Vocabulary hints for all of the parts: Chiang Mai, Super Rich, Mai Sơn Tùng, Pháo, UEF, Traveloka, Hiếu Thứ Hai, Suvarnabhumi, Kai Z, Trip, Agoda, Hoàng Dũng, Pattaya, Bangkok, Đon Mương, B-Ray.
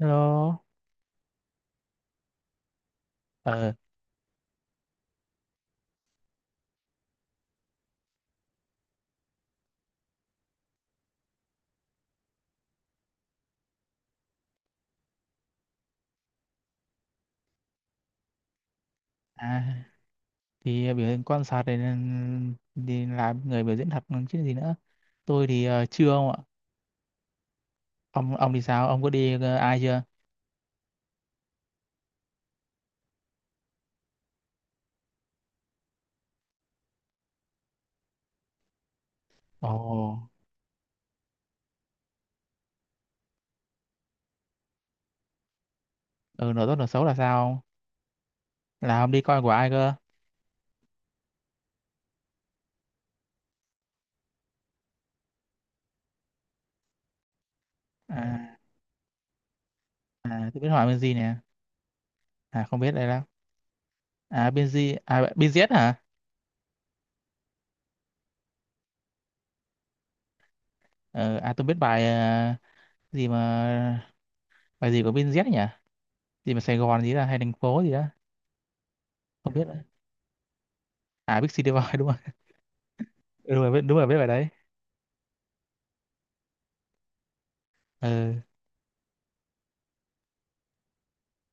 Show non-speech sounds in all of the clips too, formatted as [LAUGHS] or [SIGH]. Hello. Ờ, à, thì biểu diễn quan sát này nên đi làm người biểu diễn thật còn chứ gì nữa. Tôi thì chưa ông ạ. Ông thì sao? Ông có đi ai chưa? Ồ, ừ, Nửa tốt nửa xấu là sao, ông? Là ông đi coi của ai cơ? À, à tôi biết hỏi bên gì nè. À không biết đây đâu. À bên gì? À bên Z hả? Ờ, À tôi biết bài ờ, gì mà bài gì của bên Z nhỉ? Gì mà Sài Gòn gì là hay thành phố gì đó. Không biết nữa. À Big City Boy đúng rồi. Ừ, đúng rồi, đúng rồi biết bài đấy. Ừ.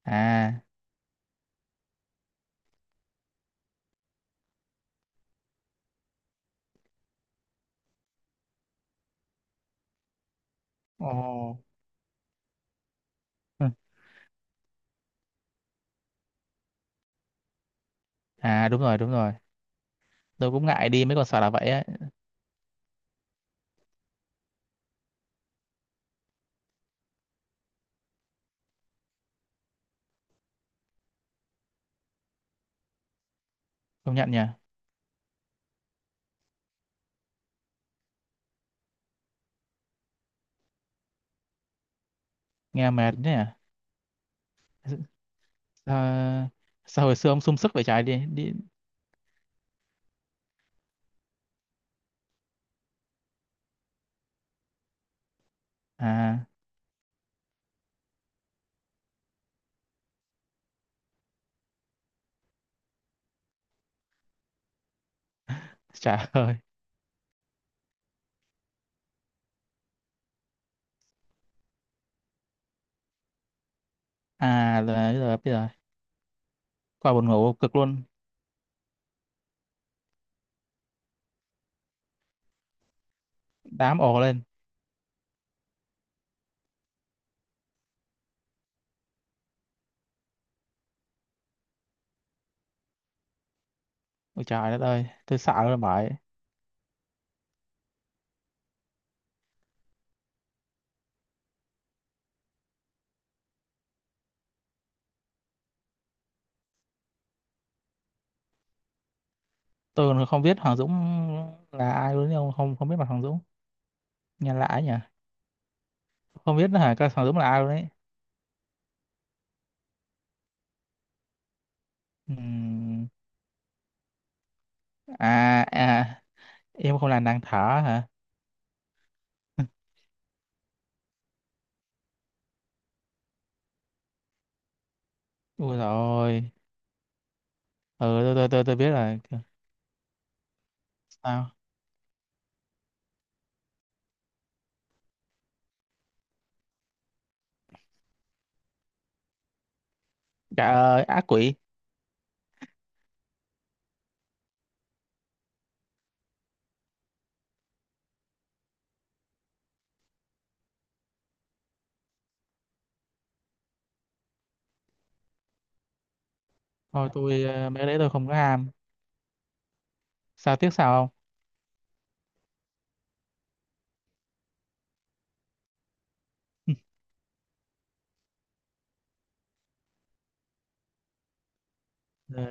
À. Ồ. Ừ. À đúng rồi, đúng rồi. Tôi cũng ngại đi mấy con sò là vậy ấy. Công nhận nhỉ. Nghe mệt thế à? Sao, sao hồi xưa ông sung sức vậy trời, đi đi à. Trời ơi. À là bây giờ qua buồn ngủ cực luôn. Đám ồ lên. Ôi trời đất ơi, tôi sợ rồi bởi. Tôi còn không biết Hoàng Dũng là ai luôn, nhưng không, không biết mặt Hoàng Dũng. Nghe lạ ấy nhỉ. Không biết nữa hả? Cái Hoàng Dũng là ai luôn ấy. Ừm, À à, em không là nàng thở hả? Ui rồi. Ừ, tôi biết rồi. Sao? Dạ ác quỷ. Thôi tôi, mấy cái đấy tôi không có ham. Sao tiếc sao không? [LAUGHS] Ờ,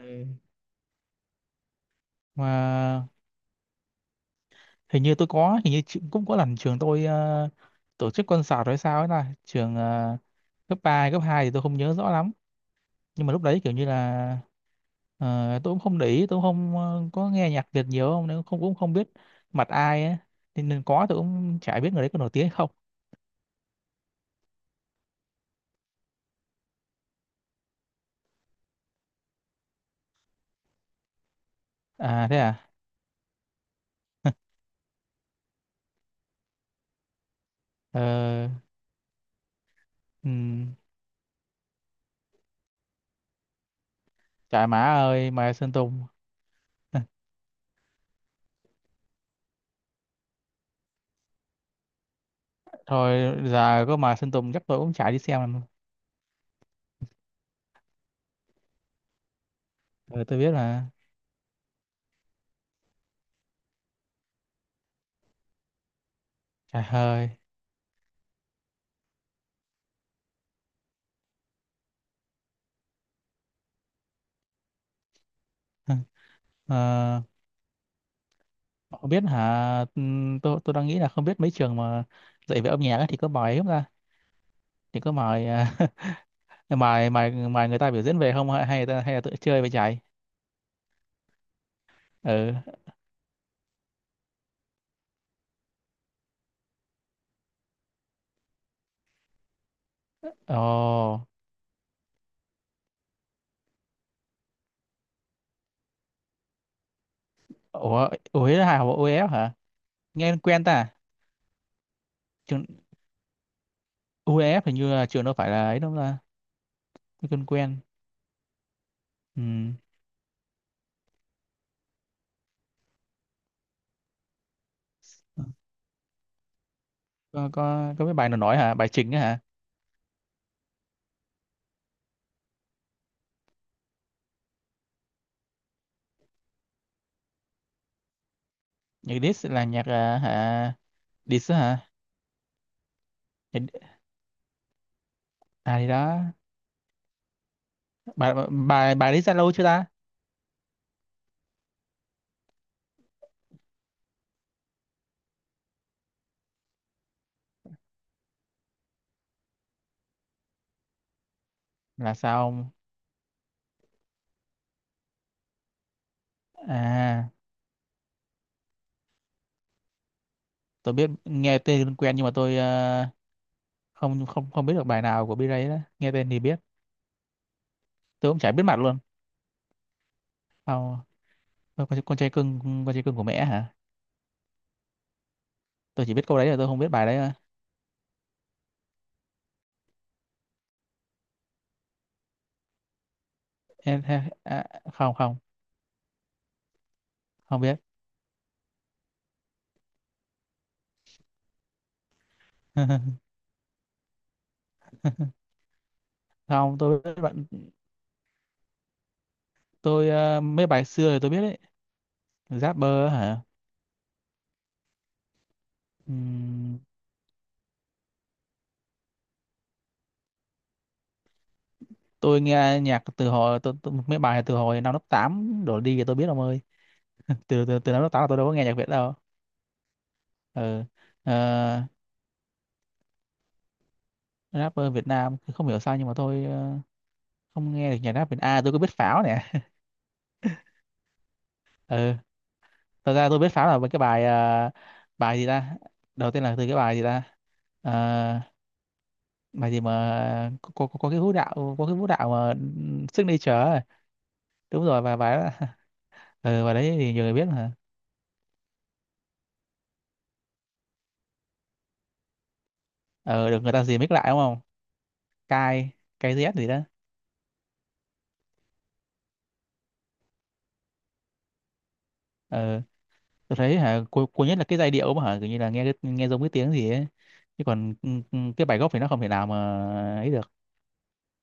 mà hình như tôi có, hình như cũng có lần trường tôi tổ chức concert hay sao ấy, là trường cấp 3 cấp 2 thì tôi không nhớ rõ lắm. Nhưng mà lúc đấy kiểu như là ờ, tôi cũng không để ý, tôi cũng không có nghe nhạc Việt nhiều không, nên không cũng không biết mặt ai ấy. Nên, nên có tôi cũng chả biết người đấy có nổi tiếng hay không. À thế à. [LAUGHS] Ờ, ừm, trời má ơi, Mai Sơn Tùng. Thôi giờ có mời Sơn Tùng chắc tôi cũng chả đi xem làm. Rồi ờ, tôi biết là trời ơi. [LAUGHS] Ờ, không biết hả? Tôi đang nghĩ là không biết mấy trường mà dạy về âm nhạc ấy thì có mời không ta? Thì có mời à, [LAUGHS] mời mời mời người ta biểu diễn về không, hay hay là tự chơi về chạy? Ừ. Ồ. Ủa, ủa là hả? UEF hả? Nghe quen ta. À? Trường UEF hình như là trường đâu phải là ấy đâu ta. Tôi quen quen. Ừ. Có cái bài nào nói hả? Bài chính á hả? Nhạc diss là nhạc à, hả? Dis á hả? Thì- à thì đó, bà bà Dis Zalo chưa ta? Là sao ông? À, tôi biết, nghe tên quen nhưng mà tôi không không không biết được bài nào của B-Ray đó. Nghe tên thì biết, tôi cũng chả biết mặt luôn. Không, con trai cưng, con trai cưng của mẹ hả? Tôi chỉ biết câu đấy là tôi không biết bài đấy. À, Em- em- à, không không không biết. [LAUGHS] Không, tôi biết bạn tôi mấy bài xưa thì tôi biết đấy. Rapper hả? Ừm, tôi nghe nhạc từ hồi mấy bài từ hồi năm lớp 8 đổ đi thì tôi biết ông ơi. Từ từ từ năm lớp tám là tôi đâu có nghe nhạc Việt đâu. Ừ. Ờ, rapper Việt Nam không hiểu sao nhưng mà tôi không nghe được nhạc rap Việt. À tôi có biết Pháo nè. Ừ. Thật ra tôi biết Pháo là với cái bài bài gì ta, đầu tiên là từ cái bài gì ta. Ờ, bài gì mà có, có cái vũ đạo, có cái vũ đạo mà signature ấy. Đúng rồi, và bài đó [LAUGHS] ừ, bài đấy thì nhiều người biết mà. Ừ, được người ta remix lại đúng không, cai Kai Z gì đó. Ừ. Tôi thấy hả, cuối cuối nhất là cái giai điệu mà hả, kiểu như là nghe giống cái tiếng gì ấy. Chứ còn cái bài gốc thì nó không thể nào mà ấy được,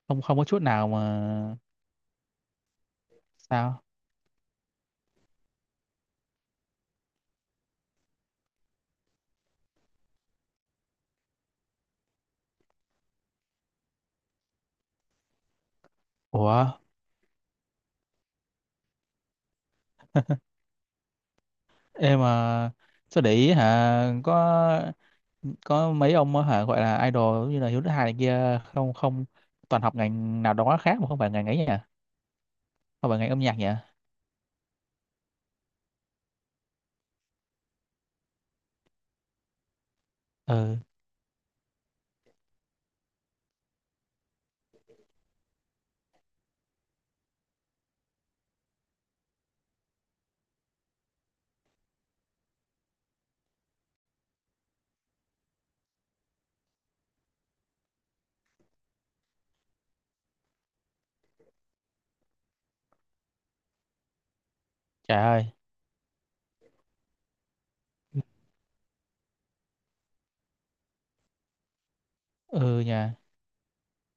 không không có chút nào mà. Sao? Ủa. [LAUGHS] Em mà sao để ý hả, có mấy ông á hả gọi là idol giống như là Hiếu Thứ Hai này kia không, toàn học ngành nào đó khác mà không phải ngành ấy nhỉ, không phải ngành âm nhạc nhỉ. Ừ, trời ơi. Ừ, nhà.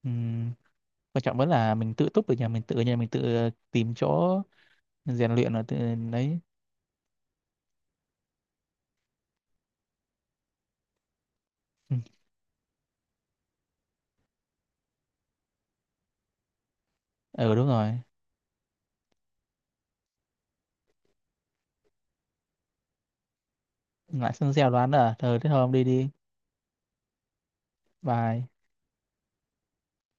Ừm, quan trọng vẫn là mình tự túc được, nhà mình tự, nhà mình tự tìm chỗ rèn luyện ở tự đấy. ừ, ừ đúng rồi. Lại sân gieo đoán là ờ thế thôi ông đi đi, bye.